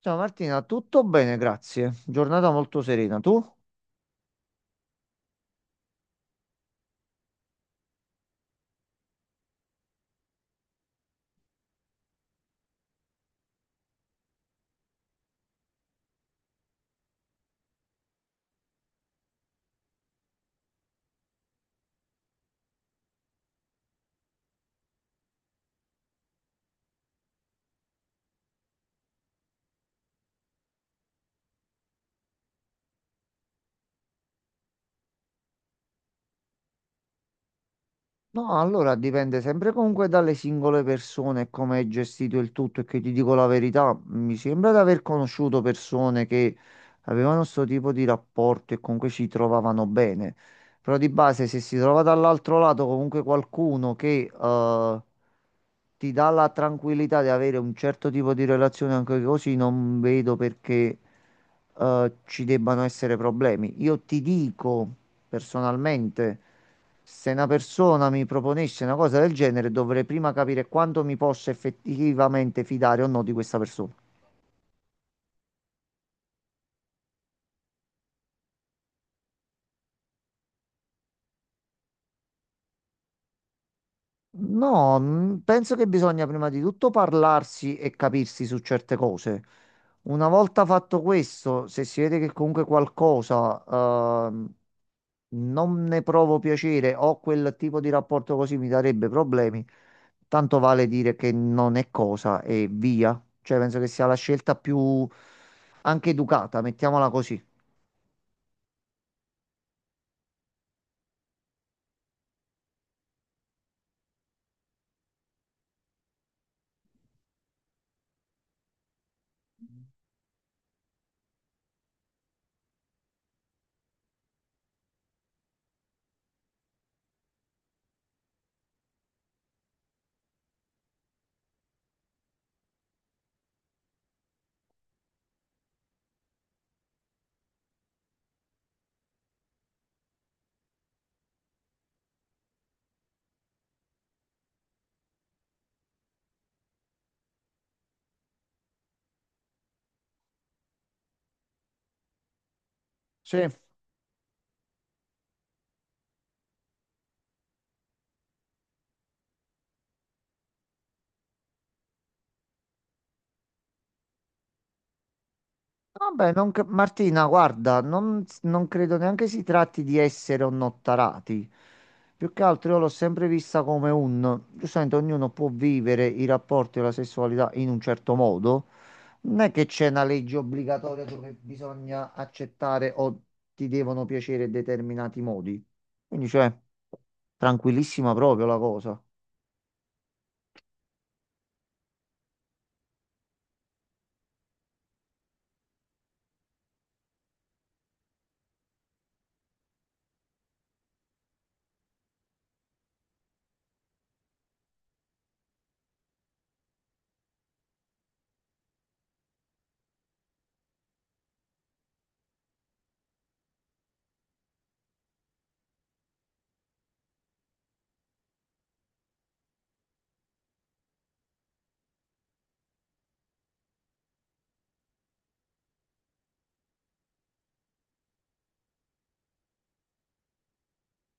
Ciao Martina, tutto bene, grazie. Giornata molto serena. Tu? No, allora dipende sempre comunque dalle singole persone e come hai gestito il tutto e che ti dico la verità, mi sembra di aver conosciuto persone che avevano questo tipo di rapporto e comunque ci trovavano bene. Però di base, se si trova dall'altro lato comunque qualcuno che ti dà la tranquillità di avere un certo tipo di relazione anche così, non vedo perché ci debbano essere problemi. Io ti dico personalmente, se una persona mi proponesse una cosa del genere, dovrei prima capire quanto mi posso effettivamente fidare o no di questa persona. No, penso che bisogna prima di tutto parlarsi e capirsi su certe cose. Una volta fatto questo, se si vede che comunque qualcosa non ne provo piacere o quel tipo di rapporto così mi darebbe problemi, tanto vale dire che non è cosa e via. Cioè, penso che sia la scelta più anche educata, mettiamola così. Sì. Vabbè, non cre- Martina, guarda, non credo neanche si tratti di essere onnottarati. Più che altro io l'ho sempre vista come un... Giustamente ognuno può vivere i rapporti e la sessualità in un certo modo. Non è che c'è una legge obbligatoria dove bisogna accettare o ti devono piacere determinati modi. Quindi, cioè, tranquillissima proprio la cosa.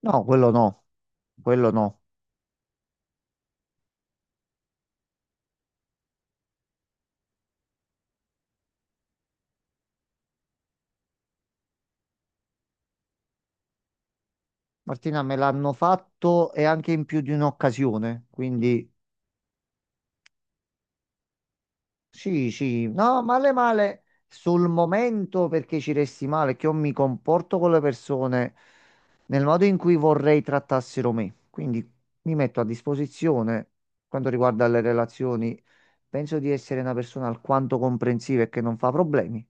No, quello no, quello no. Martina, me l'hanno fatto e anche in più di un'occasione, quindi... Sì, sì, no, male male sul momento perché ci resti male, che io mi comporto con le persone nel modo in cui vorrei trattassero me. Quindi mi metto a disposizione quanto riguarda le relazioni. Penso di essere una persona alquanto comprensiva e che non fa problemi.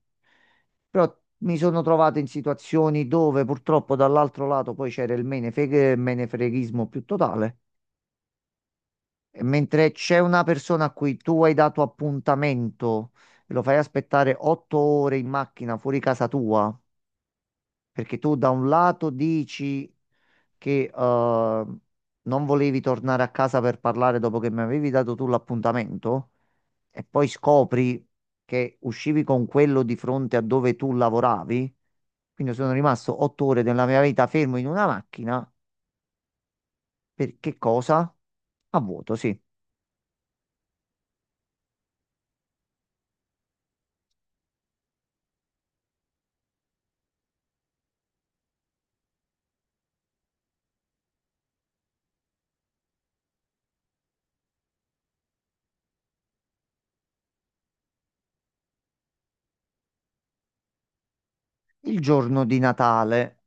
Però mi sono trovato in situazioni dove purtroppo dall'altro lato poi c'era il menefreghismo più totale. E mentre c'è una persona a cui tu hai dato appuntamento e lo fai aspettare 8 ore in macchina fuori casa tua, perché tu da un lato dici che non volevi tornare a casa per parlare dopo che mi avevi dato tu l'appuntamento, e poi scopri che uscivi con quello di fronte a dove tu lavoravi, quindi sono rimasto 8 ore della mia vita fermo in una macchina, per che cosa? A vuoto, sì. Il giorno di Natale.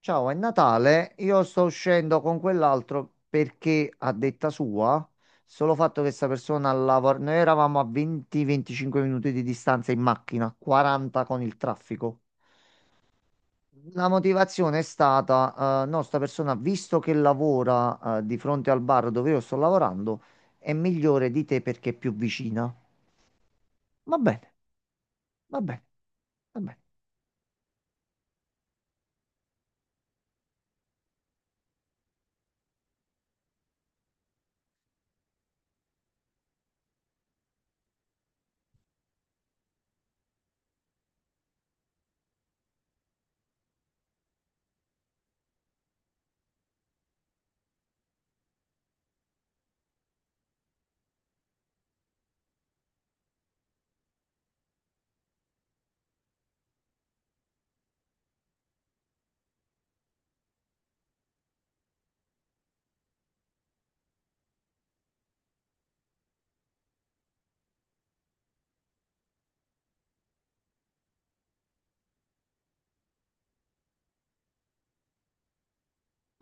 Ciao, è Natale. Io sto uscendo con quell'altro perché, a detta sua, solo fatto che questa persona lavora. Noi eravamo a 20-25 minuti di distanza in macchina, 40 con il traffico. La motivazione è stata, no, sta persona, visto che lavora, di fronte al bar dove io sto lavorando, è migliore di te perché è più vicina. Va bene, va bene, va bene.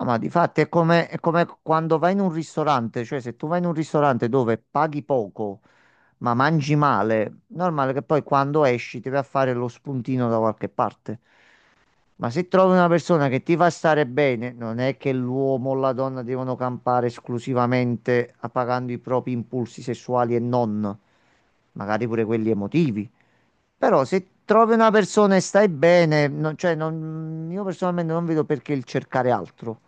No, ma di fatto è come quando vai in un ristorante, cioè se tu vai in un ristorante dove paghi poco ma mangi male, normale che poi quando esci ti vai a fare lo spuntino da qualche parte. Ma se trovi una persona che ti fa stare bene, non è che l'uomo o la donna devono campare esclusivamente appagando i propri impulsi sessuali e non, magari pure quelli emotivi. Però se trovi una persona e stai bene, io personalmente non vedo perché il cercare altro.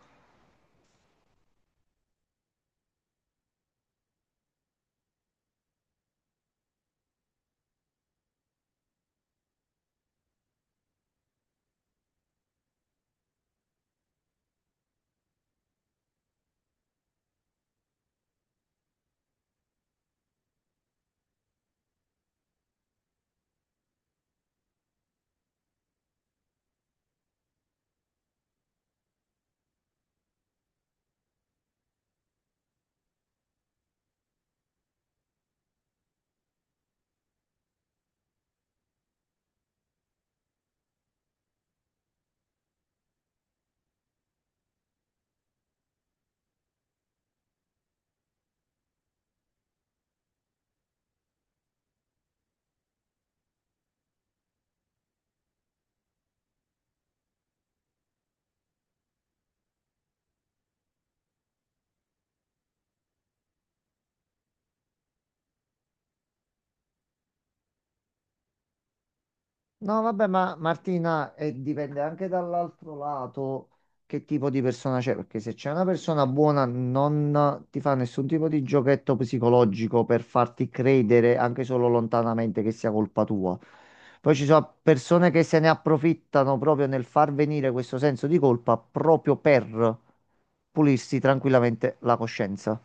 No, vabbè, ma Martina, dipende anche dall'altro lato che tipo di persona c'è, perché se c'è una persona buona non ti fa nessun tipo di giochetto psicologico per farti credere anche solo lontanamente che sia colpa tua. Poi ci sono persone che se ne approfittano proprio nel far venire questo senso di colpa proprio per pulirsi tranquillamente la coscienza.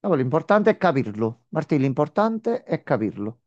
Allora, l'importante è capirlo. Martì, l'importante è capirlo.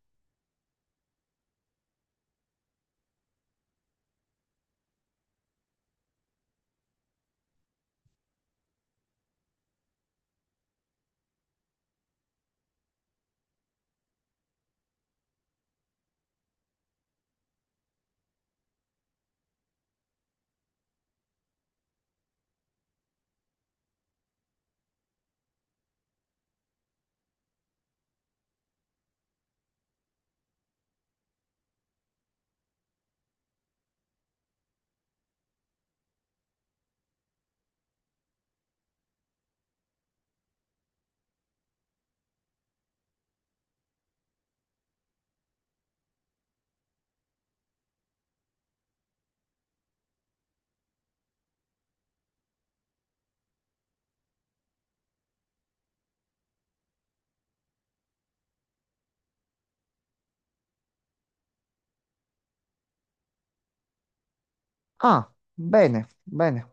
Ah, bene, bene.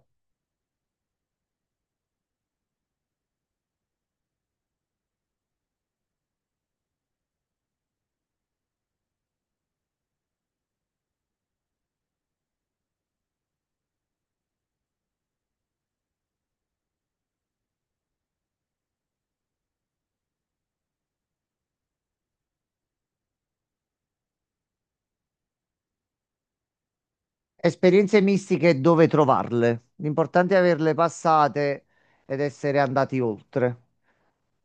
Esperienze mistiche e dove trovarle. L'importante è averle passate ed essere andati oltre.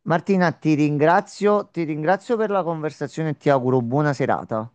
Martina, ti ringrazio per la conversazione e ti auguro buona serata.